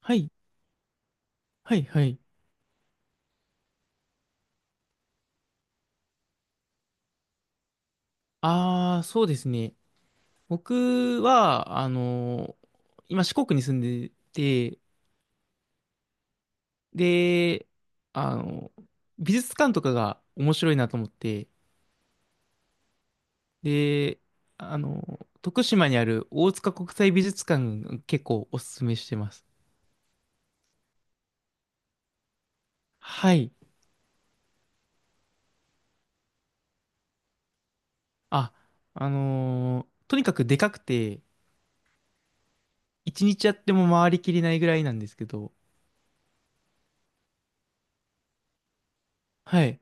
はい、はい、はい。ああ、そうですね。僕は、今四国に住んでて、で、あのー美術館とかが面白いなと思って、で、徳島にある大塚国際美術館結構おすすめしてます。はい。あ、とにかくでかくて、一日やっても回りきれないぐらいなんですけど、はい。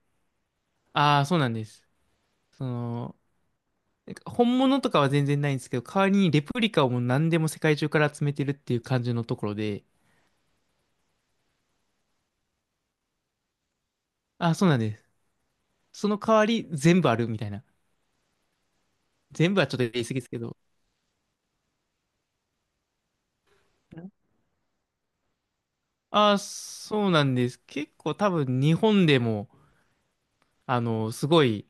ああ、そうなんです。その、なんか本物とかは全然ないんですけど、代わりにレプリカをもう何でも世界中から集めてるっていう感じのところで、あ、そうなんです。その代わり全部あるみたいな。全部はちょっと言い過ぎですけど。あ、そうなんです。結構多分日本でも、あの、すごい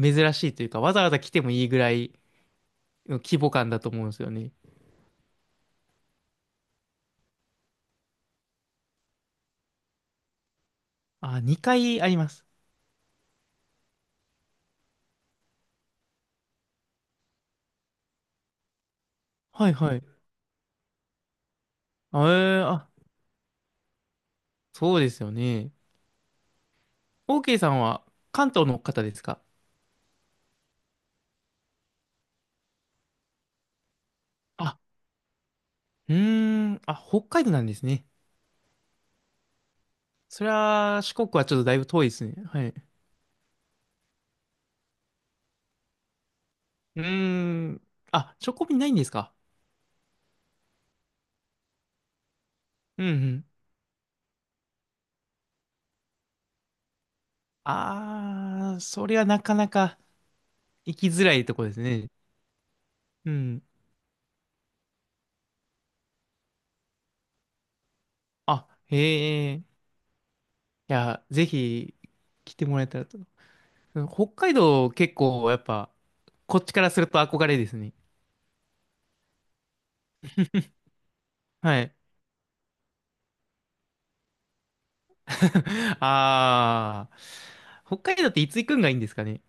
珍しいというか、わざわざ来てもいいぐらいの規模感だと思うんですよね。あ、2回あります。はいはい。あ、あ、そうですよね。OK さんは関東の方ですか？あ、うーん、あ、北海道なんですね。そりゃ、四国はちょっとだいぶ遠いですね。はい。うーん。あ、チョコビないんですか？うんうん。あー、それはなかなか行きづらいとこですね。うん。あ、へえ。いや、ぜひ来てもらえたらと。北海道結構やっぱ、こっちからすると憧れですね。はい。あー。北海道っていつ行くんがいいんですかね？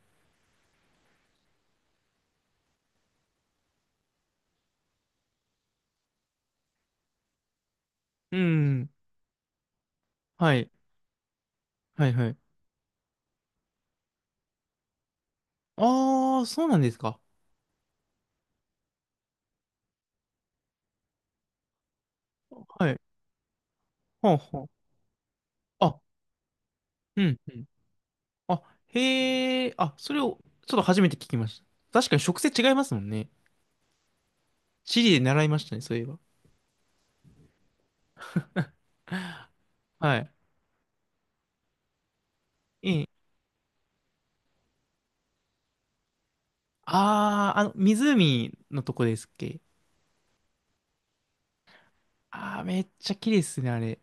うん。はい。はいはい。あー、そうなんですか。はい。ほうほう。うん、うん。あ、へえ、あ、それを、ちょっと初めて聞きました。確かに植生違いますもんね。地理で習いましたね、そういえば。はい。ええ。あー、あの、湖のとこですっけ。あー、めっちゃ綺麗ですね、あれ。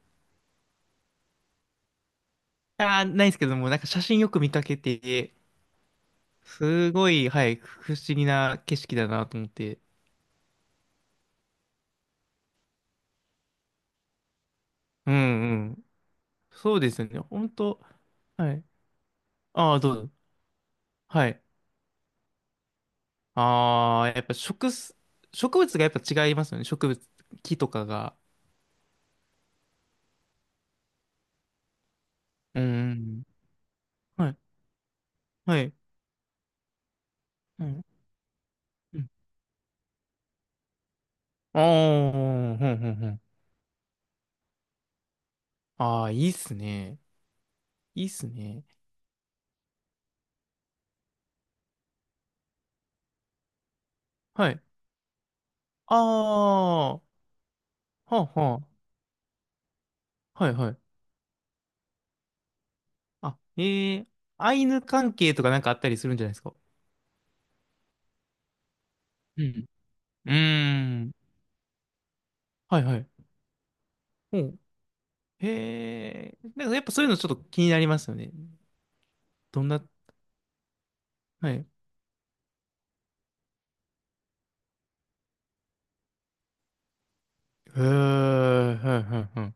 あー、ないですけども、なんか写真よく見かけて、すごい、はい、不思議な景色だなと思って。うんうん。そうですよね、ほんと。はい。あー、どうぞ。はい。あー、やっぱ植す、植物がやっぱ違いますよね、植物、木とかが。うーん。はい。はい。うん。うん。ああ、ふんふんふん。ああ、いいっすね。いいっすね。はい。ああ、はあはあ。はいはい。あ、アイヌ関係とかなんかあったりするんじゃないですか。うん。うーん。はいはい。おう。へえ。なんかやっぱそういうのちょっと気になりますよね。どんな、はい。へえ、はいはいはい。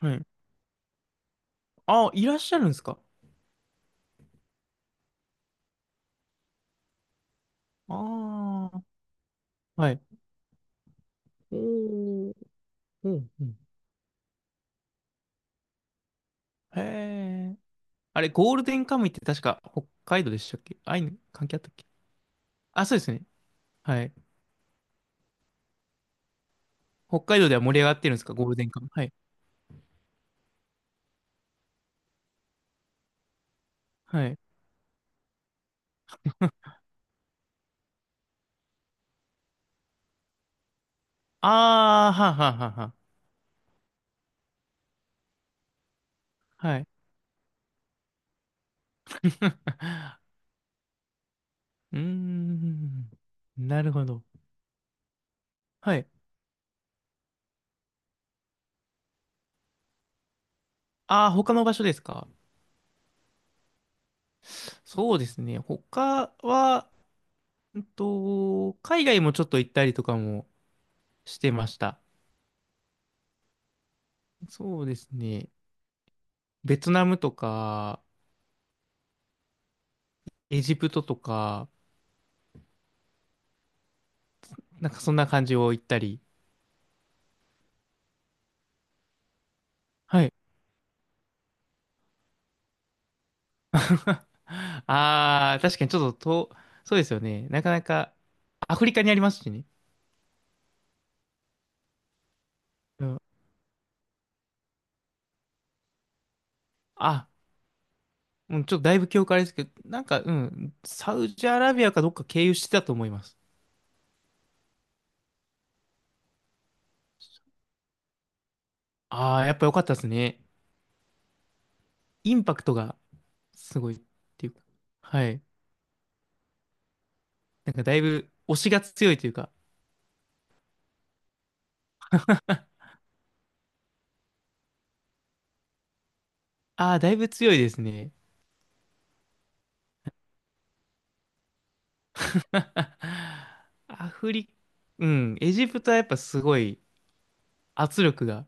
はい。あいらっしゃるんですか。ああー、はい。おーおんうんへえ。あれ、ゴールデンカムイって確か北海道でしたっけ？あいに関係あったっけ？あ、そうですね。はい。北海道では盛り上がってるんですか？ゴールデンカムイ。はい。はい。あー、はんはんはんはあはい。うーん。なるほど。はい。ああ、他の場所ですか？そうですね。他は、うんと、海外もちょっと行ったりとかもしてました。そうですね。ベトナムとか、エジプトとか、なんかそんな感じを行ったりはい。ああ、確かにちょっと遠、そうですよね。なかなか、アフリカにありますしね。うん。あ、うん、ちょっとだいぶ記憶あれですけど、なんか、うん、サウジアラビアかどっか経由してたと思います。ああ、やっぱ良かったですね。インパクトがすごいっていうか。はい。なんかだいぶ推しが強いというか、ああ、だいぶ強いですね。アフリ、うん、エジプトはやっぱすごい圧力が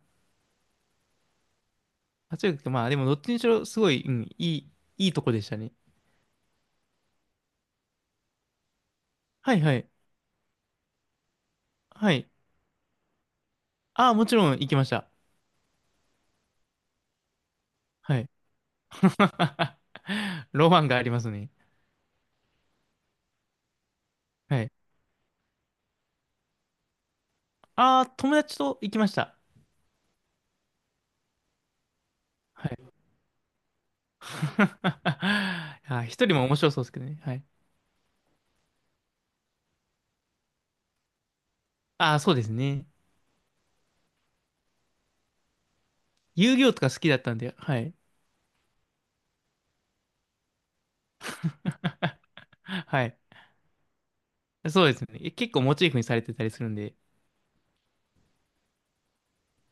8億、まあでもどっちにしろすごい、うん、いいとこでしたね。はいはい。はい。ああ、もちろん行きました。はい。ロマンがありますね。はい。ああ、友達と行きました。はい。あ、一人も面白そうですけどね。はい。ああ、そうですね。遊戯王とか好きだったんで、はい。はい。そうですね。え、結構モチーフにされてたりするんで、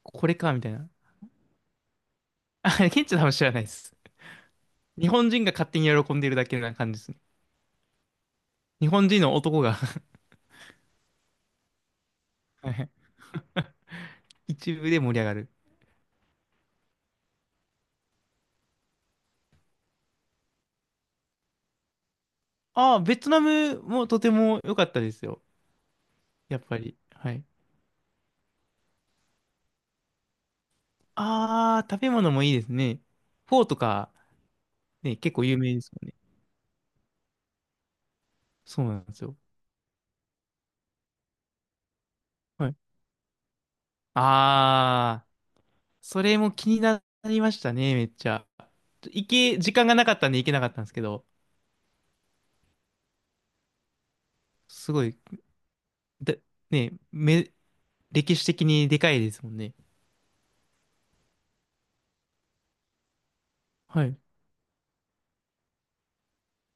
これか、みたいな。あ、ケンチさんは多分知らないです。日本人が勝手に喜んでるだけな感じですね。日本人の男が 一部で盛り上がる。ああ、ベトナムもとても良かったですよ。やっぱり。はい。ああ、食べ物もいいですね。フォーとか、ね、結構有名ですもんね。そうなんですよ。はい。ああ、それも気になりましたね、めっちゃ。時間がなかったんで行けなかったんですけど、すごい、で、ね、め、歴史的にでかいですもんね。はい。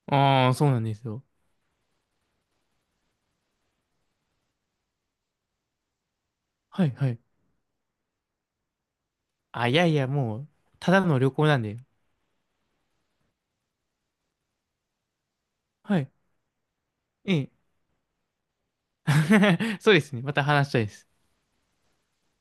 ああ、そうなんですよ。はい、はい。あ、いやいや、もう、ただの旅行なんで。はい。ええ そうですね。また話したいです。